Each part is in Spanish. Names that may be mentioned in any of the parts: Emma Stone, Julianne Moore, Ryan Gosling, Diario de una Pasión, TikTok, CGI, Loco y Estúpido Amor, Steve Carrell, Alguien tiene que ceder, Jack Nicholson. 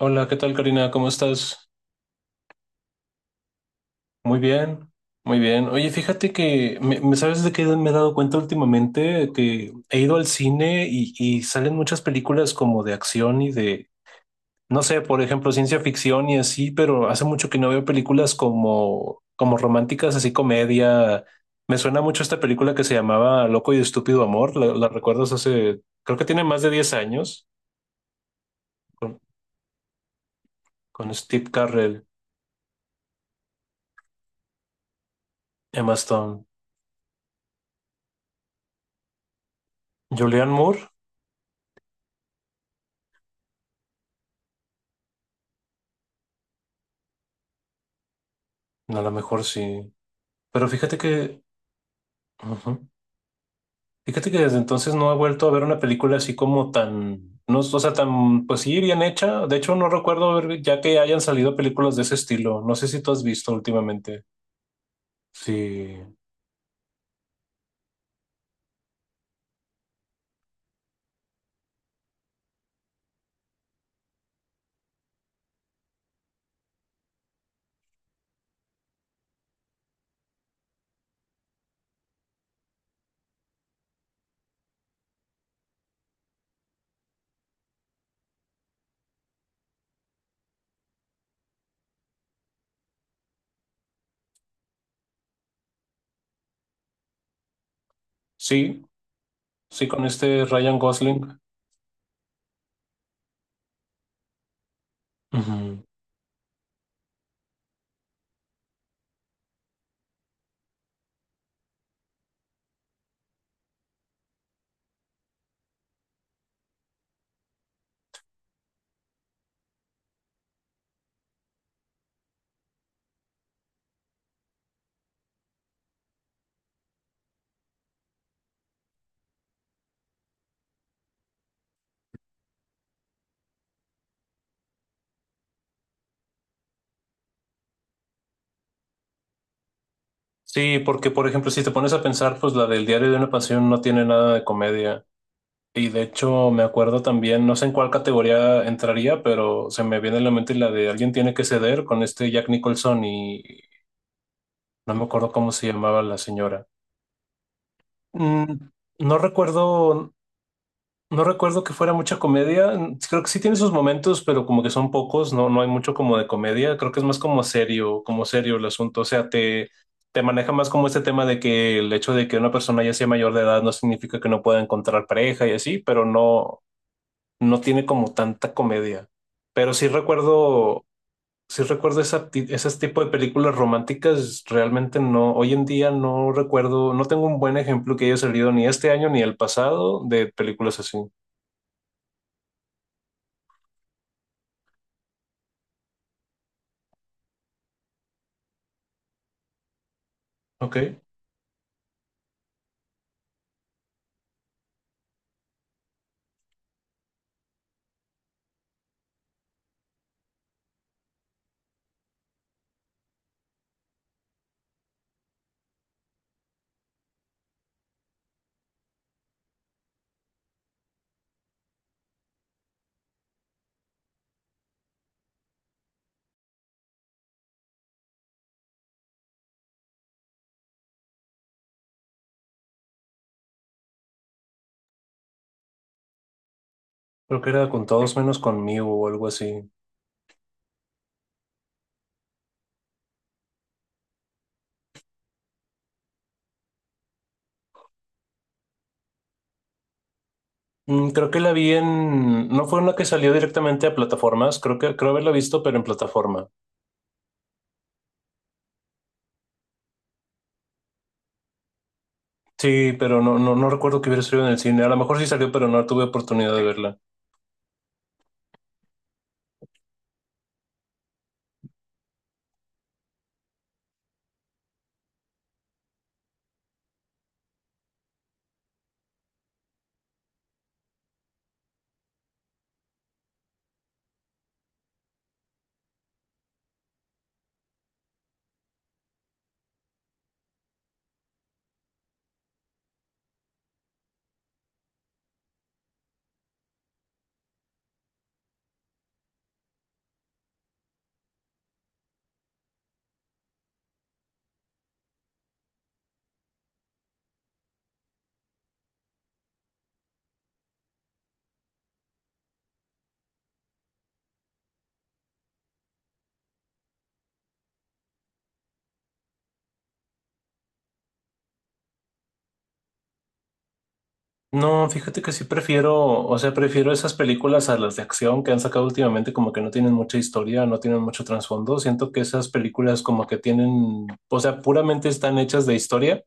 Hola, ¿qué tal, Karina? ¿Cómo estás? Muy bien, muy bien. Oye, fíjate que, ¿sabes de qué me he dado cuenta últimamente? Que he ido al cine y salen muchas películas como de acción y de, no sé, por ejemplo, ciencia ficción y así, pero hace mucho que no veo películas como, como románticas, así comedia. Me suena mucho esta película que se llamaba Loco y Estúpido Amor. ¿La recuerdas? Hace, creo que tiene más de 10 años, con, con Steve Carrell, Emma Stone, Julianne Moore. A lo mejor sí. Pero fíjate que, ujú. Fíjate que desde entonces no he vuelto a ver una película así como tan, no, o sea, tan, pues sí, bien hecha. De hecho, no recuerdo ver ya que hayan salido películas de ese estilo. No sé si tú has visto últimamente. Sí, sí, sí, con este Ryan Gosling. Ujú. Sí, porque por ejemplo, si te pones a pensar, pues la del Diario de una Pasión no tiene nada de comedia. Y de hecho, me acuerdo también, no sé en cuál categoría entraría, pero se me viene a la mente la de Alguien tiene que ceder, con este Jack Nicholson. Y no me acuerdo cómo se llamaba la señora. Mm, no recuerdo, no recuerdo que fuera mucha comedia. Creo que sí tiene sus momentos, pero como que son pocos, no, no hay mucho como de comedia. Creo que es más como serio el asunto. O sea, te maneja más como este tema de que el hecho de que una persona ya sea mayor de edad no significa que no pueda encontrar pareja y así, pero no, no tiene como tanta comedia. Pero sí recuerdo. Sí recuerdo esa, ese tipo de películas románticas, realmente no, hoy en día no recuerdo, no tengo un buen ejemplo que haya salido ni este año ni el pasado de películas así. Ok, creo que era con todos menos conmigo o algo así. Creo que la vi en, no fue una que salió directamente a plataformas, creo que creo haberla visto, pero en plataforma. Sí, pero no, no, no recuerdo que hubiera salido en el cine. A lo mejor sí salió, pero no tuve oportunidad de verla. No, fíjate que sí prefiero, o sea, prefiero esas películas a las de acción que han sacado últimamente, como que no tienen mucha historia, no tienen mucho trasfondo. Siento que esas películas como que tienen, o sea, puramente están hechas de historia.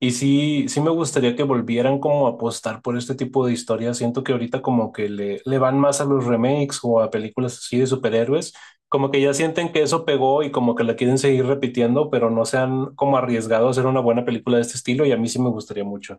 Y sí, sí me gustaría que volvieran como a apostar por este tipo de historias. Siento que ahorita como que le van más a los remakes o a películas así de superhéroes, como que ya sienten que eso pegó y como que la quieren seguir repitiendo, pero no se han como arriesgado a hacer una buena película de este estilo y a mí sí me gustaría mucho.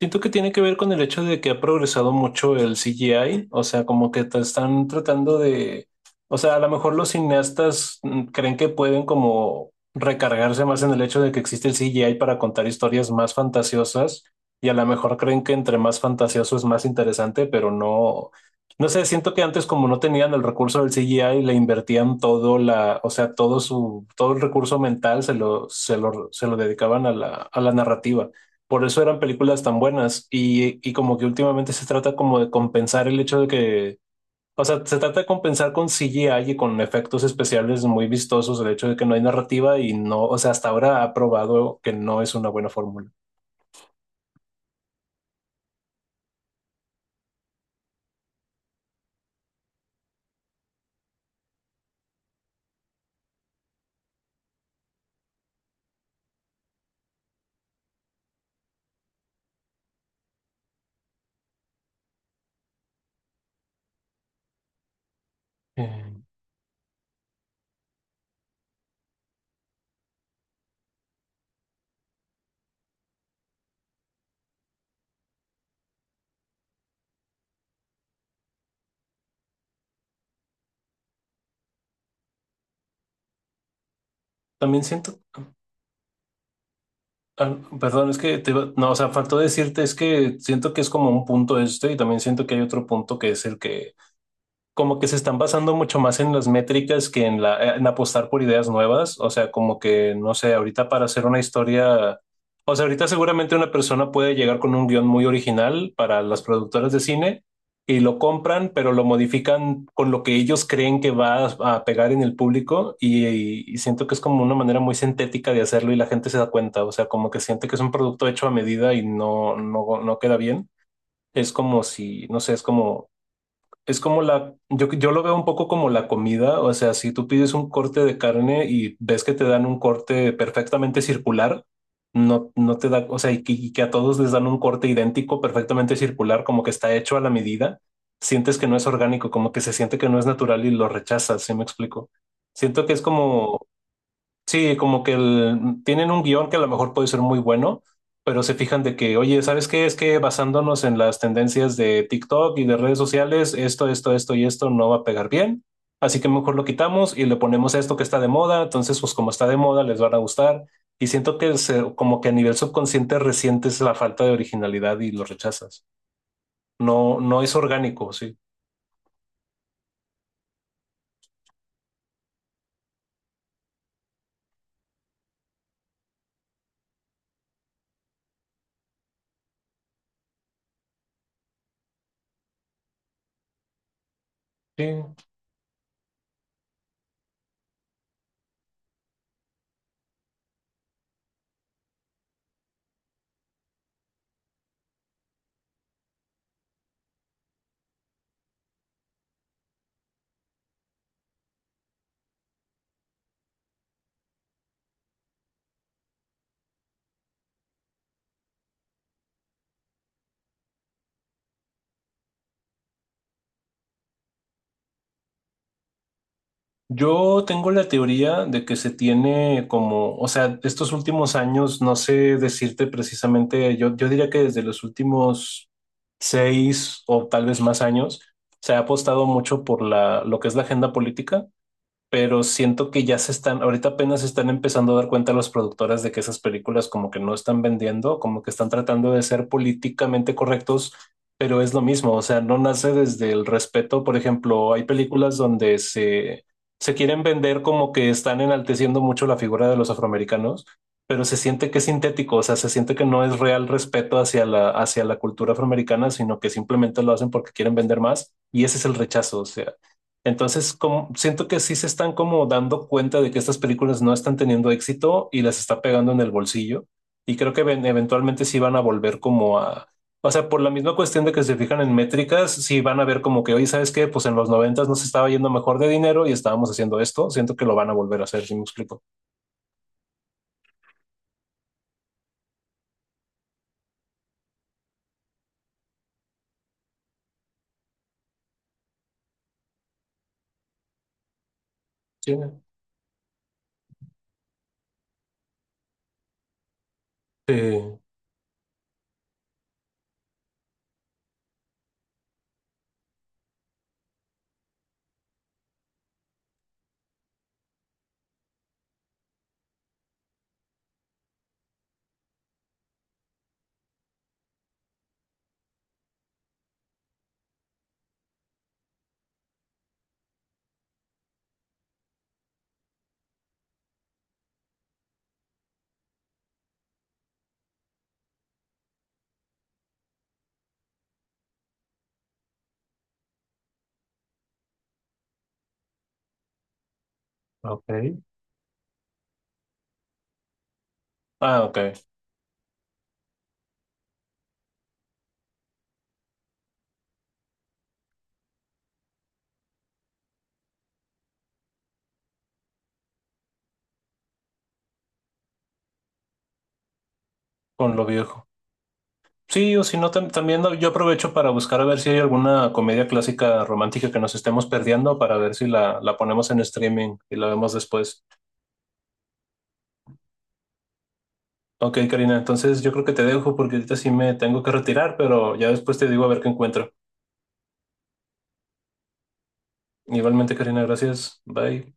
Siento que tiene que ver con el hecho de que ha progresado mucho el CGI, o sea, como que te están tratando de, o sea, a lo mejor los cineastas creen que pueden como recargarse más en el hecho de que existe el CGI para contar historias más fantasiosas y a lo mejor creen que entre más fantasioso es más interesante, pero no, no sé, siento que antes como no tenían el recurso del CGI, le invertían todo la, o sea, todo su, todo el recurso mental se lo dedicaban a la narrativa. Por eso eran películas tan buenas y como que últimamente se trata como de compensar el hecho de que, o sea, se trata de compensar con CGI y con efectos especiales muy vistosos el hecho de que no hay narrativa y no, o sea, hasta ahora ha probado que no es una buena fórmula. Eh, También siento, ah, perdón, es que no, o sea, faltó decirte, es que siento que es como un punto este y también siento que hay otro punto que es el que como que se están basando mucho más en las métricas que en la, en apostar por ideas nuevas. O sea, como que, no sé, ahorita para hacer una historia, o sea, ahorita seguramente una persona puede llegar con un guión muy original para las productoras de cine y lo compran, pero lo modifican con lo que ellos creen que va a pegar en el público y siento que es como una manera muy sintética de hacerlo y la gente se da cuenta. O sea, como que siente que es un producto hecho a medida y no, no, no queda bien. Es como si, no sé, es como la, yo lo veo un poco como la comida, o sea, si tú pides un corte de carne y ves que te dan un corte perfectamente circular, no, no te da, o sea, y que a todos les dan un corte idéntico, perfectamente circular, como que está hecho a la medida, sientes que no es orgánico, como que se siente que no es natural y lo rechazas, ¿sí me explico? Siento que es como. Sí, como que tienen un guión que a lo mejor puede ser muy bueno, pero se fijan de que, oye, ¿sabes qué? Es que basándonos en las tendencias de TikTok y de redes sociales, esto y esto no va a pegar bien, así que mejor lo quitamos y le ponemos esto que está de moda, entonces pues como está de moda les van a gustar y siento que como que a nivel subconsciente resientes la falta de originalidad y lo rechazas. No, no es orgánico, sí. Sí. Yo tengo la teoría de que se tiene como, o sea, estos últimos años, no sé decirte precisamente, yo diría que desde los últimos 6 o tal vez más años, se ha apostado mucho por la, lo que es la agenda política, pero siento que ya se están, ahorita apenas se están empezando a dar cuenta las productoras de que esas películas como que no están vendiendo, como que están tratando de ser políticamente correctos, pero es lo mismo, o sea, no nace desde el respeto. Por ejemplo, hay películas donde se quieren vender como que están enalteciendo mucho la figura de los afroamericanos, pero se siente que es sintético, o sea, se siente que no es real respeto hacia la cultura afroamericana, sino que simplemente lo hacen porque quieren vender más y ese es el rechazo, o sea. Entonces, como, siento que sí se están como dando cuenta de que estas películas no están teniendo éxito y las está pegando en el bolsillo. Y creo que eventualmente sí van a volver como a... O sea, por la misma cuestión de que se fijan en métricas, sí van a ver como que, oye, ¿sabes qué? Pues en los noventas nos estaba yendo mejor de dinero y estábamos haciendo esto. Siento que lo van a volver a hacer, si me explico. Sí. Sí. Ok. Ah, ok. Con lo viejo. Sí, o si no, también yo aprovecho para buscar a ver si hay alguna comedia clásica romántica que nos estemos perdiendo para ver si la ponemos en streaming y la vemos después. Ok, Karina, entonces yo creo que te dejo porque ahorita sí me tengo que retirar, pero ya después te digo a ver qué encuentro. Igualmente, Karina, gracias. Bye.